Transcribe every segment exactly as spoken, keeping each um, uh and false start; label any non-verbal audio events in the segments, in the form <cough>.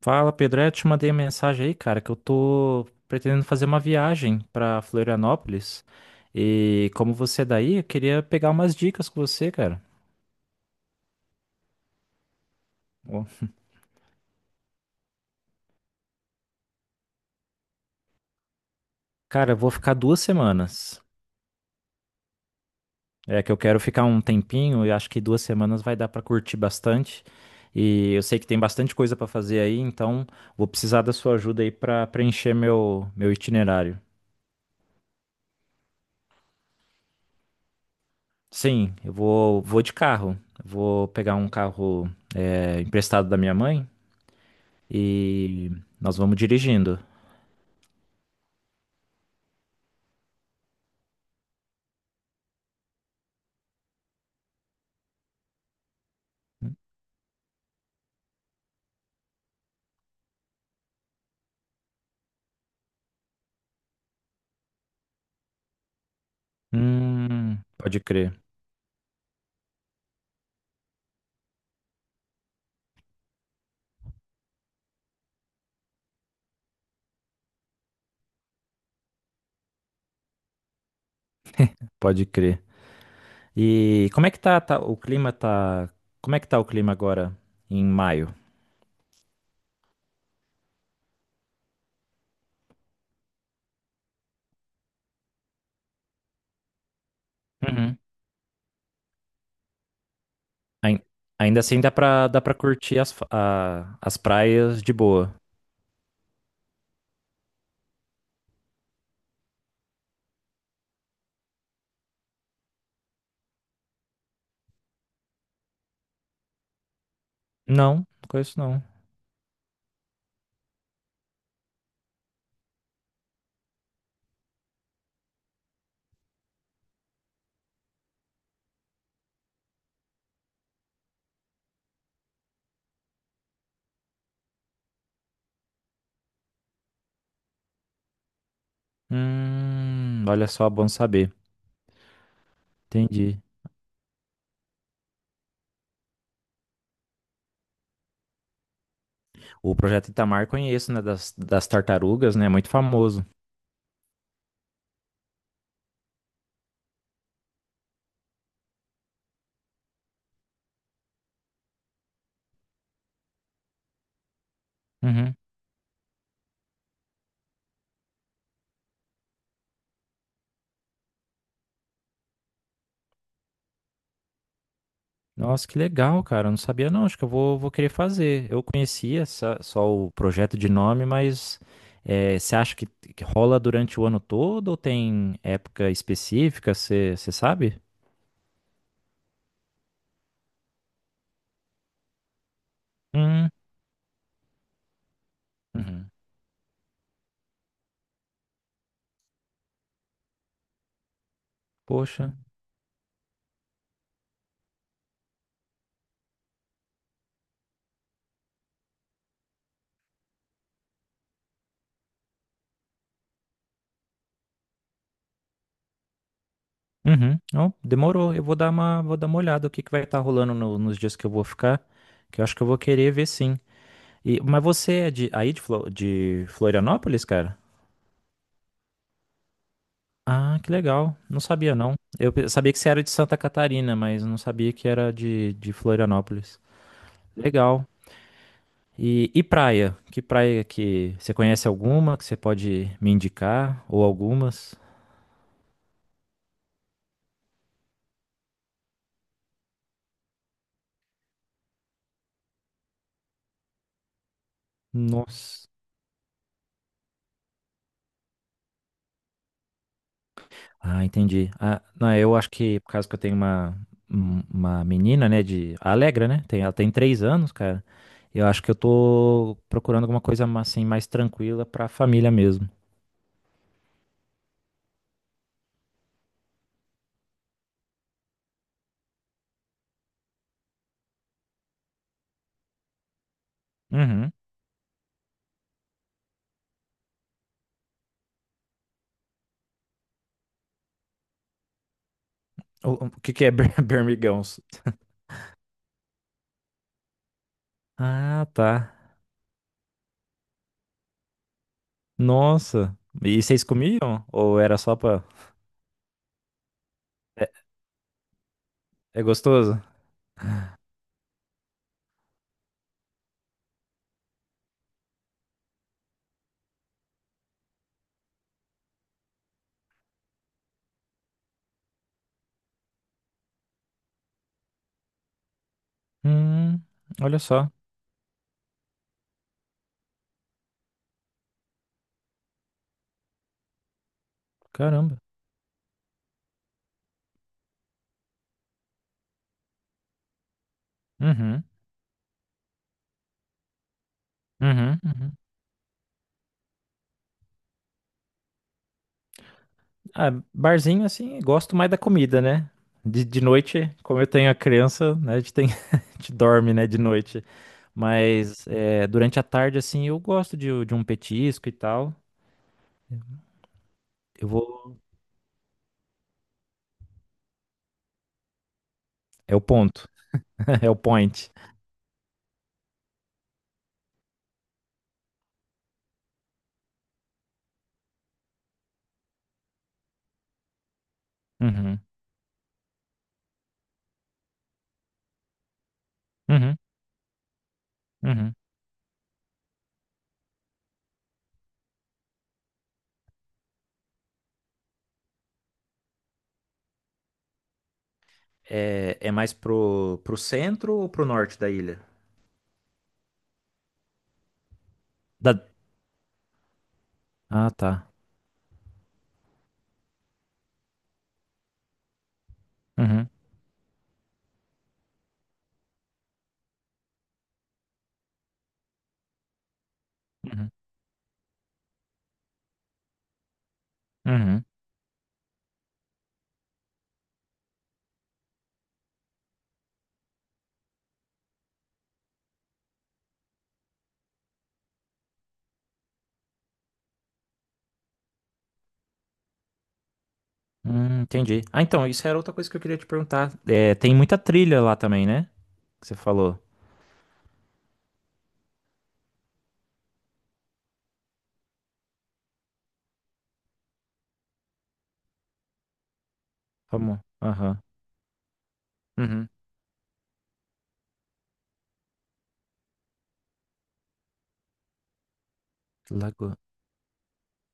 Fala, Pedro. É, eu te mandei mensagem aí, cara, que eu tô pretendendo fazer uma viagem pra Florianópolis. E como você é daí, eu queria pegar umas dicas com você, cara. Ó, Cara, eu vou ficar duas semanas. É que eu quero ficar um tempinho e acho que duas semanas vai dar pra curtir bastante. E eu sei que tem bastante coisa pra fazer aí, então vou precisar da sua ajuda aí pra preencher meu, meu itinerário. Sim, eu vou, vou de carro. Vou pegar um carro, é, emprestado da minha mãe. E nós vamos dirigindo. Hum, pode crer, pode crer. E como é que tá, tá- o clima tá, como é que tá o clima agora em maio? Uhum. Ai- Ainda assim dá pra, dá pra curtir as, fa- a- as praias de boa. Não, não conheço não. Hum, olha só, bom saber. Entendi. O projeto Itamar conheço, né, das, das tartarugas, né, muito famoso. Nossa, que legal, cara. Eu não sabia, não. Acho que eu vou, vou querer fazer. Eu conhecia só, só o projeto de nome, mas eh, você acha que, que rola durante o ano todo ou tem época específica? Você você sabe? Hum, uhum. Poxa. Uhum. Não, demorou. Eu vou dar uma, Vou dar uma olhada o que, que vai estar rolando no- nos dias que eu vou ficar, que eu acho que eu vou querer ver sim. E, mas você é de, aí de, Flo- de Florianópolis, cara? Ah, que legal. Não sabia, não. Eu pe- sabia que você era de Santa Catarina, mas não sabia que era de, de Florianópolis. Legal. E, e praia? Que praia que você conhece alguma que você pode me indicar? Ou algumas? Nossa. Ah, entendi. Ah, não, eu acho que, por causa que eu tenho uma, um- uma menina, né, de a Alegra, né? Tem, ela tem três anos, cara. Eu acho que eu tô procurando alguma coisa ma- assim mais tranquila pra família mesmo. Uhum. O, o que que é ber- <laughs> bermigãos? Ah, tá. Nossa. E vocês comiam? Ou era só pra. É, é gostoso? Hum, Olha só. Caramba. Uhum, uhum, uhum. Ah, barzinho assim, gosto mais da comida, né? De, de noite, como eu tenho a criança, né? A gente tem, <laughs> a gente dorme, né, de noite. Mas é, durante a tarde, assim, eu gosto de, de um petisco e tal. Eu vou. É o ponto. <laughs> É o point. Uhum, uhum, uhum. É, é mais pro, pro centro ou pro norte da ilha? Da- Ah, tá. Uhum, uhum, uhum. Hum, entendi. Ah, então, isso era outra coisa que eu queria te perguntar. É, tem muita trilha lá também, né? Que você falou. Vamos. Aham. Uhum. Lago...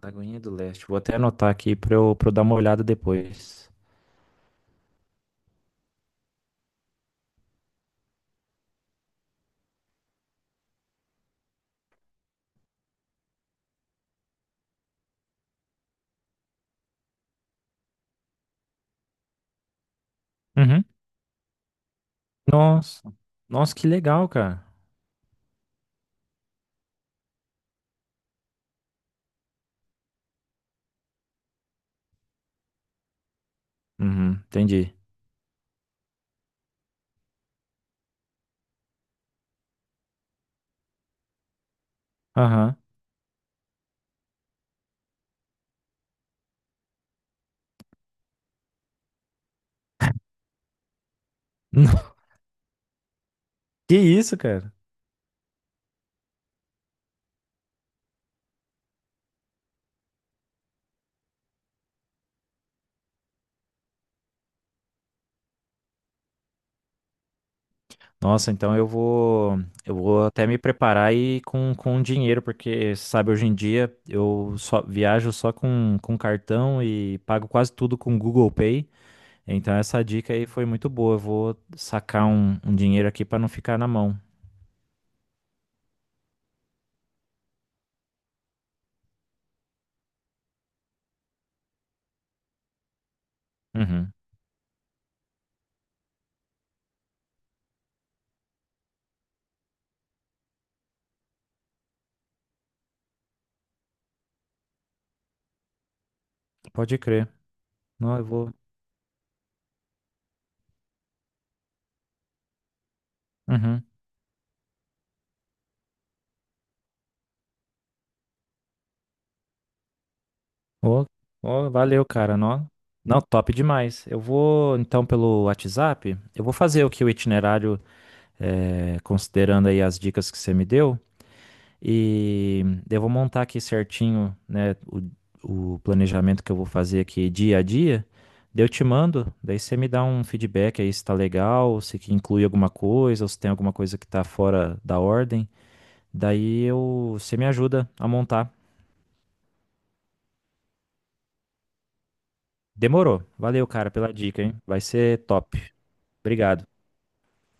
Lagoinha do Leste. Vou até anotar aqui pra eu, pra eu dar uma olhada depois. Uhum. Nossa. Nossa, que legal, cara. Uhum, entendi. Aham. <laughs> Que isso, cara? Nossa, então eu vou, eu vou até me preparar e com, com dinheiro, porque você sabe, hoje em dia eu só viajo só com, com cartão e pago quase tudo com Google Pay. Então essa dica aí foi muito boa. Eu vou sacar um, um dinheiro aqui para não ficar na mão. Uhum. Pode crer. Não, eu vou. Uhum. Ô, ô, valeu, cara. Não, não, top demais. Eu vou então pelo WhatsApp. Eu vou fazer o que o itinerário, eh, considerando aí as dicas que você me deu. E eu vou montar aqui certinho, né, o, o planejamento que eu vou fazer aqui dia a dia. Daí eu te mando, daí você me dá um feedback aí se tá legal, se que inclui alguma coisa, ou se tem alguma coisa que tá fora da ordem. Daí eu, você me ajuda a montar. Demorou. Valeu, cara, pela dica, hein? Vai ser top. Obrigado.